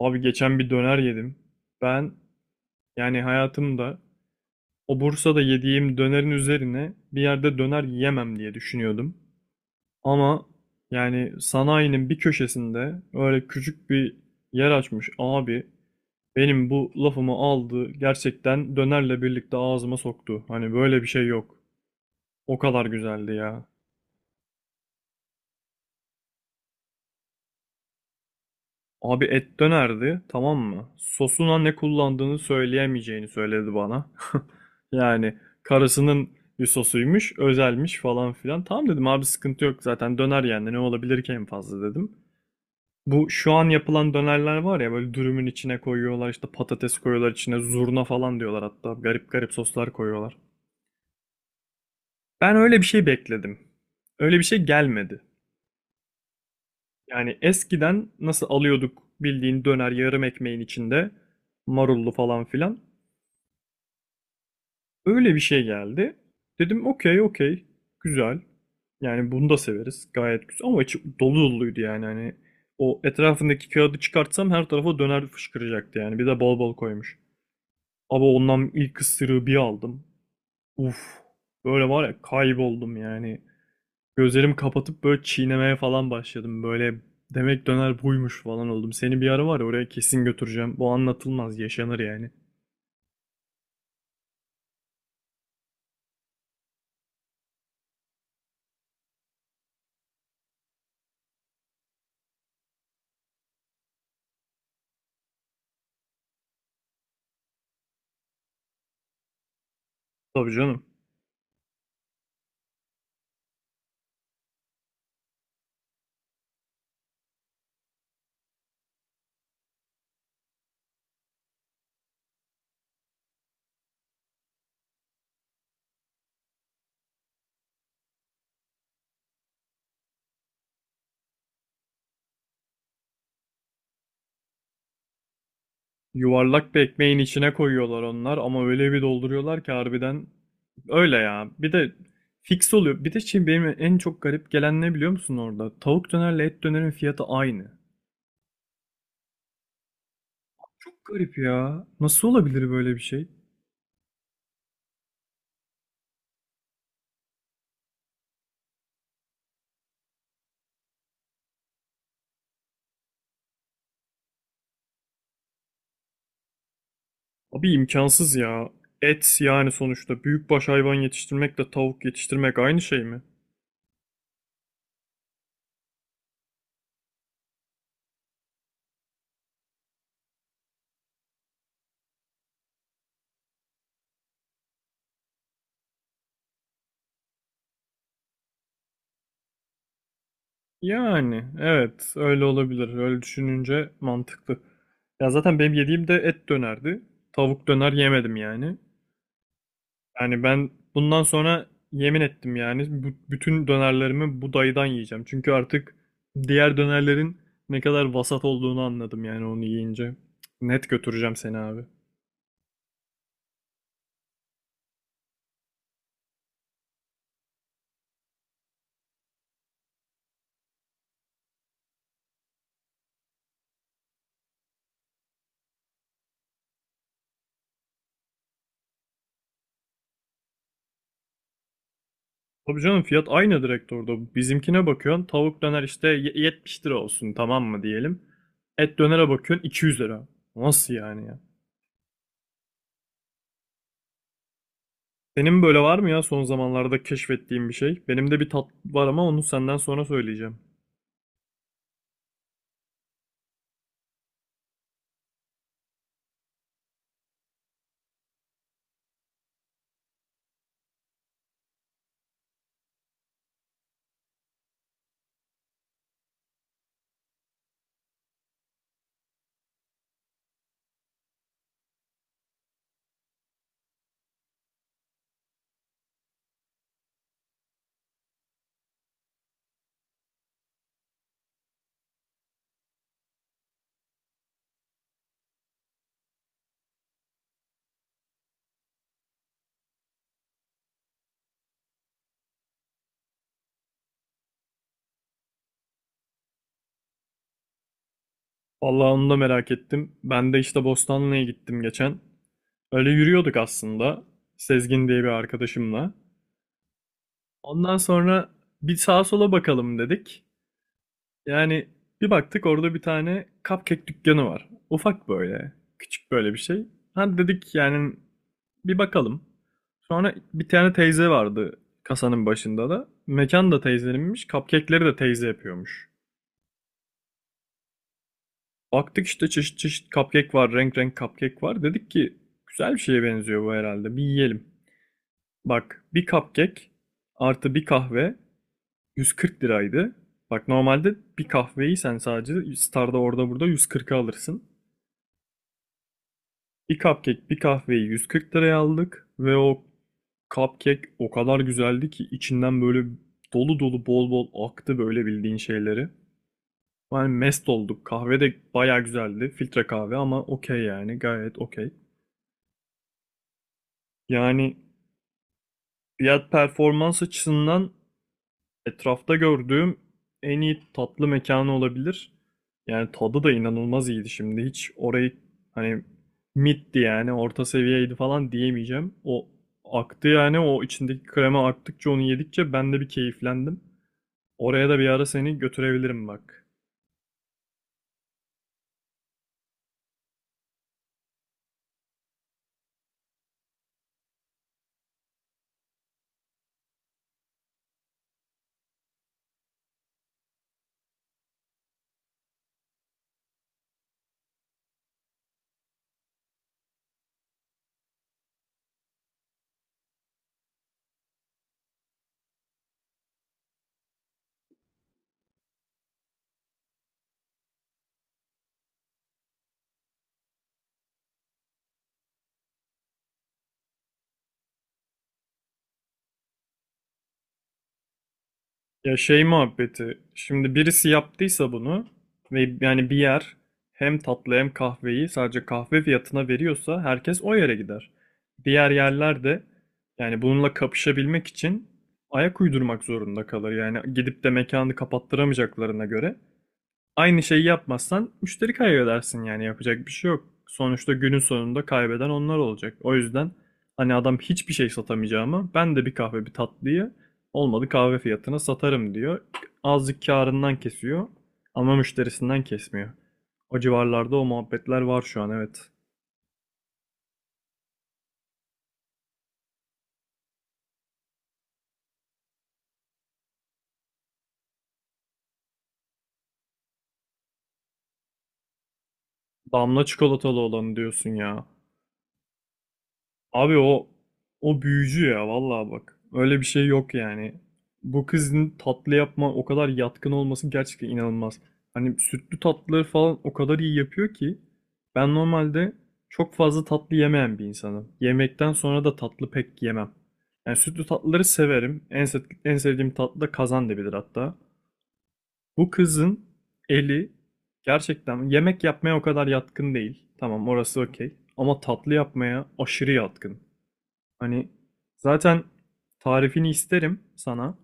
Abi geçen bir döner yedim. Ben hayatımda o Bursa'da yediğim dönerin üzerine bir yerde döner yiyemem diye düşünüyordum. Ama sanayinin bir köşesinde öyle küçük bir yer açmış abi. Benim bu lafımı aldı gerçekten dönerle birlikte ağzıma soktu. Hani böyle bir şey yok. O kadar güzeldi ya. Abi et dönerdi, tamam mı? Sosuna ne kullandığını söyleyemeyeceğini söyledi bana. Yani karısının bir sosuymuş, özelmiş falan filan. Tamam dedim abi sıkıntı yok zaten döner yani ne olabilir ki en fazla dedim. Bu şu an yapılan dönerler var ya böyle dürümün içine koyuyorlar işte patates koyuyorlar içine zurna falan diyorlar hatta garip garip soslar koyuyorlar. Ben öyle bir şey bekledim. Öyle bir şey gelmedi. Yani eskiden nasıl alıyorduk bildiğin döner yarım ekmeğin içinde marullu falan filan. Öyle bir şey geldi. Dedim okey okey güzel. Yani bunu da severiz. Gayet güzel ama içi dolu doluydu yani hani o etrafındaki kağıdı çıkartsam her tarafa döner fışkıracaktı yani. Bir de bol bol koymuş. Ama ondan ilk ısırığı bir aldım. Uf. Böyle var ya kayboldum yani. Gözlerimi kapatıp böyle çiğnemeye falan başladım. Böyle demek döner buymuş falan oldum. Seni bir ara var ya oraya kesin götüreceğim. Bu anlatılmaz, yaşanır yani. Tabii canım. Yuvarlak bir ekmeğin içine koyuyorlar onlar ama öyle bir dolduruyorlar ki harbiden öyle ya. Bir de fix oluyor. Bir de şey benim en çok garip gelen ne biliyor musun orada? Tavuk dönerle et dönerin fiyatı aynı. Çok garip ya. Nasıl olabilir böyle bir şey? Abi imkansız ya. Et yani sonuçta büyükbaş hayvan yetiştirmekle tavuk yetiştirmek aynı şey mi? Yani evet öyle olabilir. Öyle düşününce mantıklı. Ya zaten benim yediğim de et dönerdi. Tavuk döner yemedim yani. Yani ben bundan sonra yemin ettim yani bütün dönerlerimi bu dayıdan yiyeceğim. Çünkü artık diğer dönerlerin ne kadar vasat olduğunu anladım yani onu yiyince. Net götüreceğim seni abi. Tabii canım fiyat aynı direkt orada. Bizimkine bakıyorsun tavuk döner işte 70 lira olsun tamam mı diyelim. Et dönere bakıyorsun 200 lira. Nasıl yani ya? Senin böyle var mı ya son zamanlarda keşfettiğin bir şey? Benim de bir tat var ama onu senden sonra söyleyeceğim. Vallahi onu da merak ettim. Ben de işte Bostanlı'ya gittim geçen. Öyle yürüyorduk aslında. Sezgin diye bir arkadaşımla. Ondan sonra bir sağa sola bakalım dedik. Yani bir baktık orada bir tane cupcake dükkanı var. Ufak böyle. Küçük böyle bir şey. Hadi dedik yani bir bakalım. Sonra bir tane teyze vardı kasanın başında da. Mekan da teyzeninmiş. Cupcake'leri de teyze yapıyormuş. Baktık işte çeşit çeşit cupcake var. Renk renk cupcake var. Dedik ki güzel bir şeye benziyor bu herhalde. Bir yiyelim. Bak bir cupcake artı bir kahve 140 liraydı. Bak normalde bir kahveyi sen sadece Star'da orada burada 140'a alırsın. Bir cupcake, bir kahveyi 140 liraya aldık ve o cupcake o kadar güzeldi ki içinden böyle dolu dolu bol bol aktı böyle bildiğin şeyleri. Yani mest olduk. Kahve de baya güzeldi. Filtre kahve ama okey yani gayet okey. Yani fiyat performans açısından etrafta gördüğüm en iyi tatlı mekanı olabilir. Yani tadı da inanılmaz iyiydi şimdi. Hiç orayı hani middi yani orta seviyeydi falan diyemeyeceğim. O aktı yani o içindeki krema aktıkça onu yedikçe ben de bir keyiflendim. Oraya da bir ara seni götürebilirim bak. Ya şey muhabbeti. Şimdi birisi yaptıysa bunu ve yani bir yer hem tatlı hem kahveyi sadece kahve fiyatına veriyorsa herkes o yere gider. Diğer yerler de yani bununla kapışabilmek için ayak uydurmak zorunda kalır. Yani gidip de mekanı kapattıramayacaklarına göre aynı şeyi yapmazsan müşteri kaybedersin yani yapacak bir şey yok. Sonuçta günün sonunda kaybeden onlar olacak. O yüzden hani adam hiçbir şey satamayacağıma ben de bir kahve bir tatlıyı olmadı kahve fiyatına satarım diyor. Azıcık karından kesiyor ama müşterisinden kesmiyor. O civarlarda o muhabbetler var şu an evet. Damla çikolatalı olanı diyorsun ya. Abi o büyücü ya vallahi bak. Öyle bir şey yok yani. Bu kızın tatlı yapma o kadar yatkın olması gerçekten inanılmaz. Hani sütlü tatlıları falan o kadar iyi yapıyor ki ben normalde çok fazla tatlı yemeyen bir insanım. Yemekten sonra da tatlı pek yemem. Yani sütlü tatlıları severim. En sevdiğim tatlı da kazandibidir hatta. Bu kızın eli gerçekten yemek yapmaya o kadar yatkın değil. Tamam orası okey. Ama tatlı yapmaya aşırı yatkın. Hani zaten tarifini isterim sana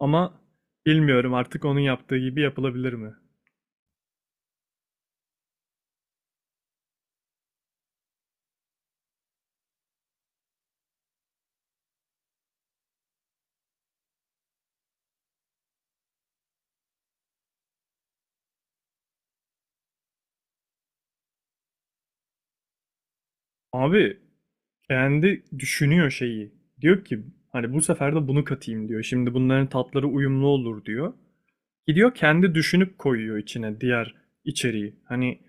ama bilmiyorum artık onun yaptığı gibi yapılabilir mi? Abi kendi düşünüyor şeyi. Diyor ki hani bu sefer de bunu katayım diyor. Şimdi bunların tatları uyumlu olur diyor. Gidiyor kendi düşünüp koyuyor içine diğer içeriği. Hani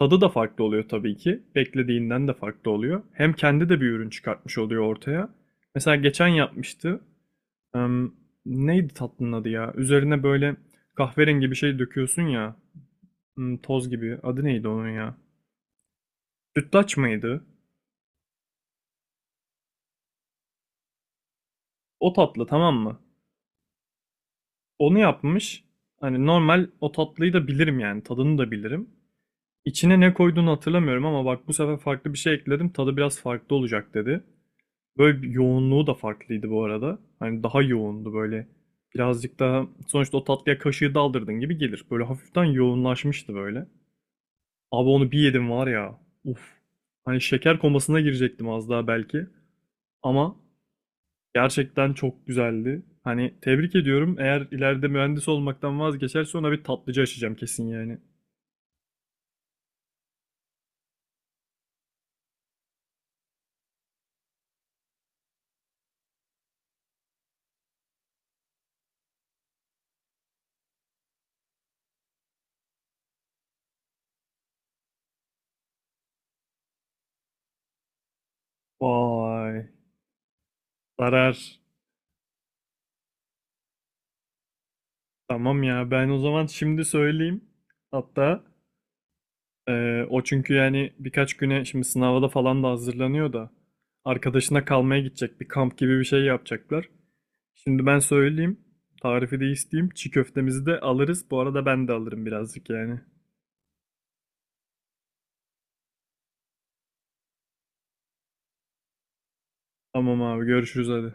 tadı da farklı oluyor tabii ki. Beklediğinden de farklı oluyor. Hem kendi de bir ürün çıkartmış oluyor ortaya. Mesela geçen yapmıştı. Em, Neydi tatlının adı ya? Üzerine böyle kahverengi bir şey döküyorsun ya. Hmm, toz gibi. Adı neydi onun ya? Sütlaç mıydı? O tatlı tamam mı? Onu yapmış. Hani normal o tatlıyı da bilirim yani. Tadını da bilirim. İçine ne koyduğunu hatırlamıyorum ama bak bu sefer farklı bir şey ekledim. Tadı biraz farklı olacak dedi. Böyle bir yoğunluğu da farklıydı bu arada. Hani daha yoğundu böyle. Birazcık daha sonuçta o tatlıya kaşığı daldırdın gibi gelir. Böyle hafiften yoğunlaşmıştı böyle. Abi onu bir yedim var ya. Uf. Hani şeker komasına girecektim az daha belki. Ama gerçekten çok güzeldi. Hani tebrik ediyorum. Eğer ileride mühendis olmaktan vazgeçerse ona bir tatlıcı açacağım kesin yani. Vay. Zarar. Tamam ya ben o zaman şimdi söyleyeyim. Hatta o çünkü yani birkaç güne şimdi sınava da falan da hazırlanıyor da arkadaşına kalmaya gidecek bir kamp gibi bir şey yapacaklar. Şimdi ben söyleyeyim tarifi de isteyeyim çiğ köftemizi de alırız bu arada ben de alırım birazcık yani. Tamam abi görüşürüz hadi.